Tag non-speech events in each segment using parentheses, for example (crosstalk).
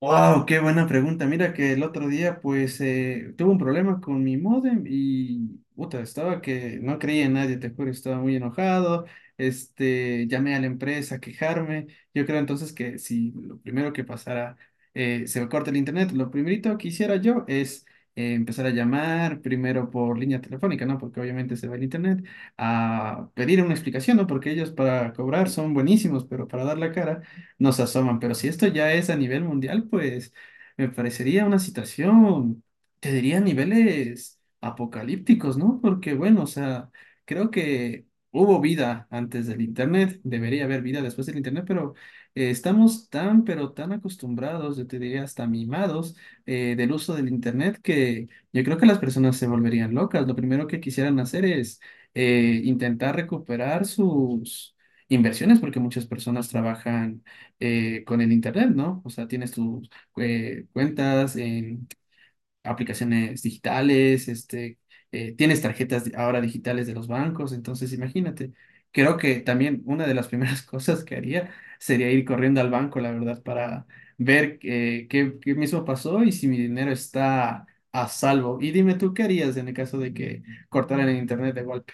Wow, qué buena pregunta. Mira que el otro día pues tuve un problema con mi módem y puta, estaba que no creía en nadie, te juro, estaba muy enojado. Este, llamé a la empresa a quejarme. Yo creo entonces que si lo primero que pasara se me corta el internet, lo primerito que hiciera yo es empezar a llamar primero por línea telefónica, ¿no? Porque obviamente se va el internet, a pedir una explicación, ¿no? Porque ellos para cobrar son buenísimos, pero para dar la cara nos asoman. Pero si esto ya es a nivel mundial, pues me parecería una situación, te diría a niveles apocalípticos, ¿no? Porque bueno, o sea, creo que hubo vida antes del Internet, debería haber vida después del Internet, pero estamos tan, pero tan acostumbrados, yo te diría hasta mimados del uso del Internet que yo creo que las personas se volverían locas. Lo primero que quisieran hacer es intentar recuperar sus inversiones, porque muchas personas trabajan con el internet, ¿no? O sea, tienes tus cuentas en aplicaciones digitales, este, tienes ahora digitales de los bancos, entonces imagínate. Creo que también una de las primeras (laughs) cosas que haría sería ir corriendo al banco, la verdad, para ver qué, qué mismo pasó y si mi dinero está a salvo. Y dime tú, ¿qué harías en el caso de que cortaran el internet de golpe?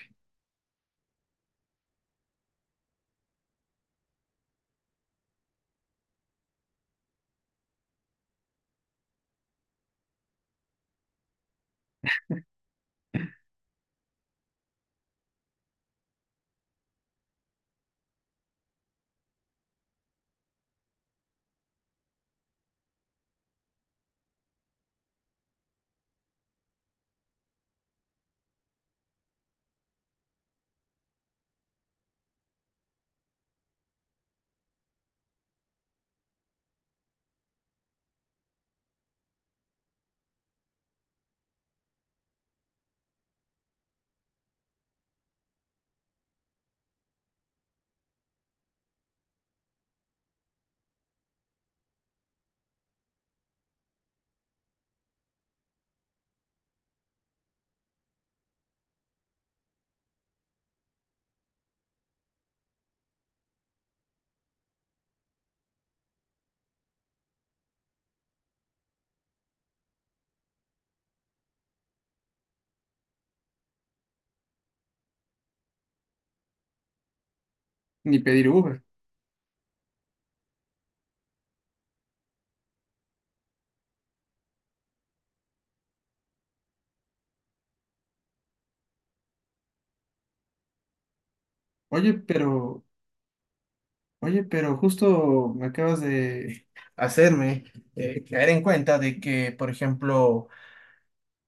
Ni pedir Uber. Oye, pero Oye, pero justo me acabas de (laughs) hacerme caer en cuenta de que, por ejemplo,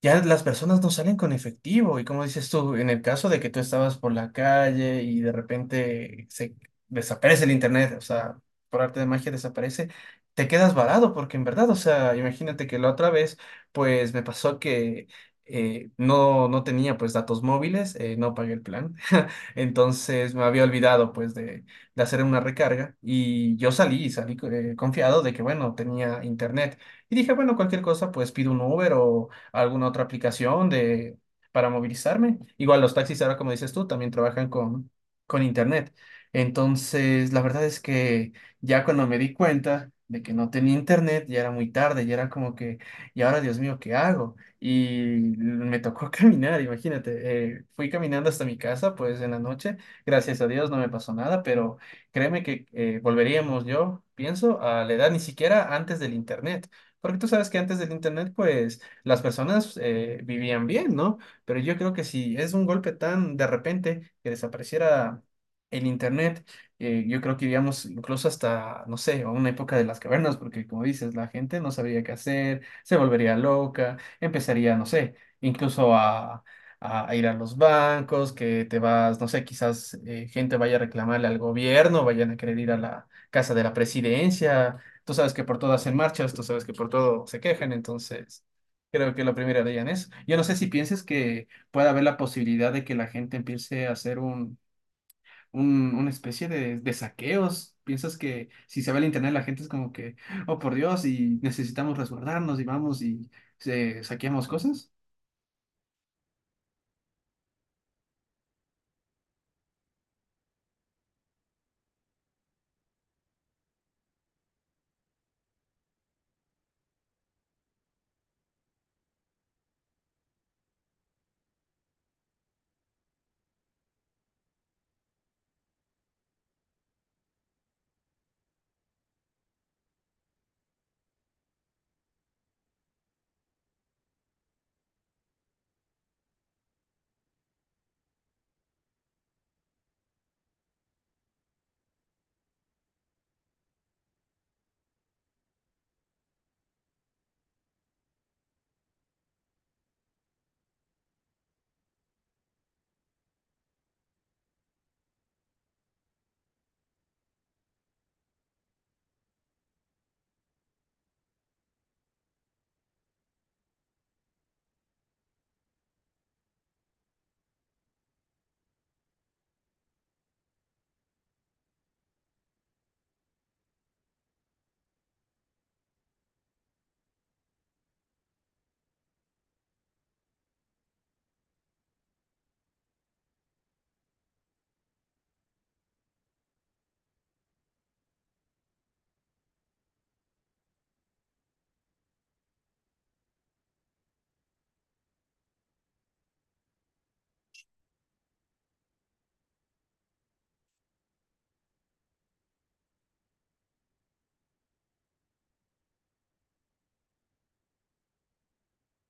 ya las personas no salen con efectivo. Y como dices tú, en el caso de que tú estabas por la calle y de repente se desaparece el internet, o sea, por arte de magia desaparece, te quedas varado, porque en verdad, o sea, imagínate que la otra vez, pues me pasó que no tenía pues datos móviles, no pagué el plan. (laughs) Entonces me había olvidado pues de hacer una recarga y yo salí confiado de que bueno, tenía internet. Y dije, bueno, cualquier cosa, pues pido un Uber o alguna otra aplicación de, para movilizarme. Igual los taxis ahora, como dices tú, también trabajan con internet. Entonces, la verdad es que ya cuando me di cuenta de que no tenía internet, ya era muy tarde, ya era como que, y ahora, Dios mío, ¿qué hago? Y me tocó (laughs) caminar, imagínate. Fui caminando hasta mi casa, pues en la noche. Gracias a Dios no me pasó nada, pero créeme que volveríamos, yo pienso, a la edad ni siquiera antes del internet. Porque tú sabes que antes del internet, pues las personas vivían bien, ¿no? Pero yo creo que si es un golpe tan de repente que desapareciera el internet, yo creo que iríamos incluso hasta, no sé, a una época de las cavernas, porque como dices, la gente no sabría qué hacer, se volvería loca, empezaría, no sé, incluso a ir a los bancos, que te vas, no sé, quizás gente vaya a reclamarle al gobierno, vayan a querer ir a la casa de la presidencia, tú sabes que por todo hacen marchas, tú sabes que por todo se quejan, entonces creo que la primera de ellas es. Yo no sé si pienses que puede haber la posibilidad de que la gente empiece a hacer una especie de saqueos. Piensas que si se va el internet, la gente es como que, oh por Dios, y necesitamos resguardarnos y vamos y saqueamos cosas.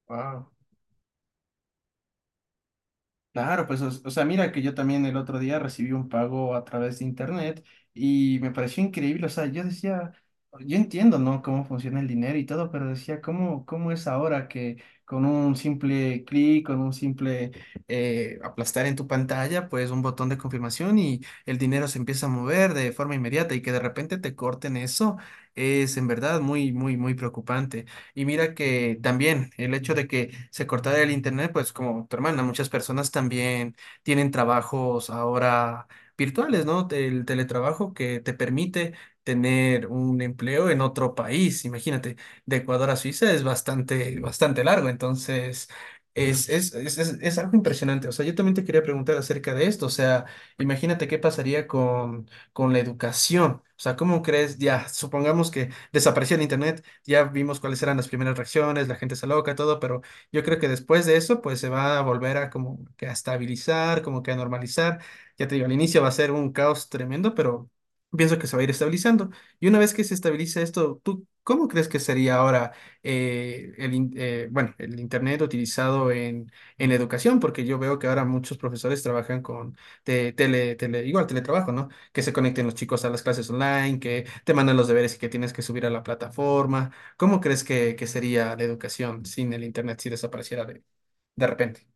Wow. Claro, pues, o sea, mira que yo también el otro día recibí un pago a través de internet y me pareció increíble, o sea, yo decía, yo entiendo, ¿no? Cómo funciona el dinero y todo, pero decía, ¿cómo, cómo es ahora que con un simple clic, con un simple aplastar en tu pantalla, pues un botón de confirmación y el dinero se empieza a mover de forma inmediata y que de repente te corten eso, es en verdad muy, muy, muy preocupante. Y mira que también el hecho de que se cortara el internet, pues como tu hermana, muchas personas también tienen trabajos ahora virtuales, ¿no? El teletrabajo que te permite tener un empleo en otro país. Imagínate, de Ecuador a Suiza es bastante, bastante largo, entonces es, es algo impresionante. O sea, yo también te quería preguntar acerca de esto. O sea, imagínate qué pasaría con la educación. O sea, ¿cómo crees? Ya, supongamos que desapareció el internet, ya vimos cuáles eran las primeras reacciones, la gente se loca, todo, pero yo creo que después de eso, pues se va a volver a como que a estabilizar, como que a normalizar. Ya te digo, al inicio va a ser un caos tremendo, pero pienso que se va a ir estabilizando. Y una vez que se estabilice esto, ¿tú cómo crees que sería ahora bueno, el Internet utilizado en la educación? Porque yo veo que ahora muchos profesores trabajan con igual teletrabajo, ¿no? Que se conecten los chicos a las clases online, que te mandan los deberes y que tienes que subir a la plataforma. ¿Cómo crees que sería la educación sin el Internet si desapareciera de repente?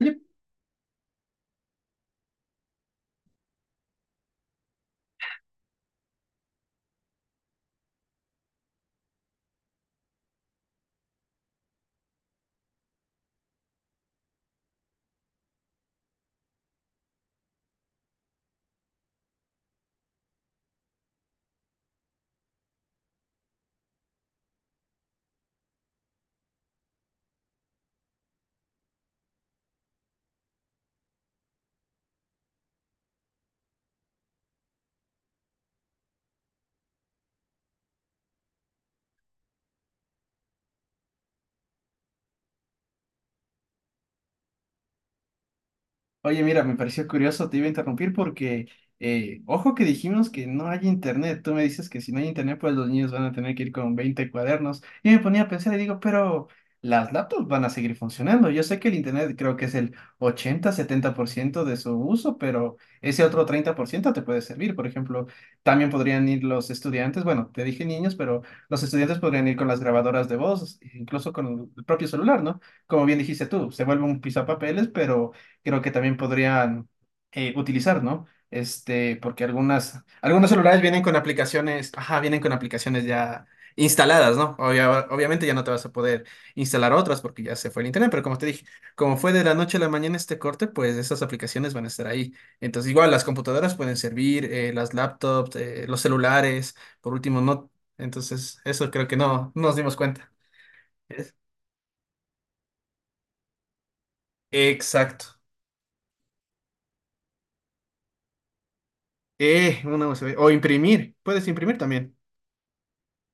Yo oye, mira, me pareció curioso, te iba a interrumpir porque, ojo que dijimos que no hay internet. Tú me dices que si no hay internet, pues los niños van a tener que ir con 20 cuadernos. Y me ponía a pensar y digo, pero las laptops van a seguir funcionando. Yo sé que el internet creo que es el 80 70% de su uso, pero ese otro 30% te puede servir. Por ejemplo, también podrían ir los estudiantes, bueno, te dije niños, pero los estudiantes podrían ir con las grabadoras de voz, incluso con el propio celular, ¿no? Como bien dijiste tú, se vuelve un pisapapeles, pero creo que también podrían utilizar, ¿no? Este, porque algunos celulares vienen con aplicaciones, ajá, vienen con aplicaciones ya instaladas, ¿no? Obviamente ya no te vas a poder instalar otras porque ya se fue el internet, pero como te dije, como fue de la noche a la mañana este corte, pues esas aplicaciones van a estar ahí. Entonces, igual las computadoras pueden servir, las laptops, los celulares, por último, no. Entonces, eso creo que no, no nos dimos cuenta. Es- Exacto. Una USB. O imprimir. Puedes imprimir también.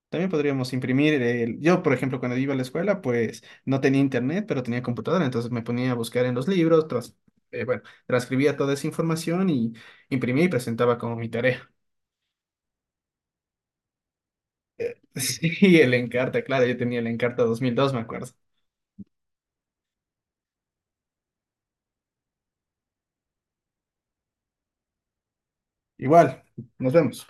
También podríamos imprimir el... Yo, por ejemplo, cuando iba a la escuela, pues no tenía internet, pero tenía computadora, entonces me ponía a buscar en los libros, bueno, transcribía toda esa información y imprimía y presentaba como mi tarea. (laughs) Sí, el Encarta, claro, yo tenía el Encarta 2002, me acuerdo. Igual, nos vemos.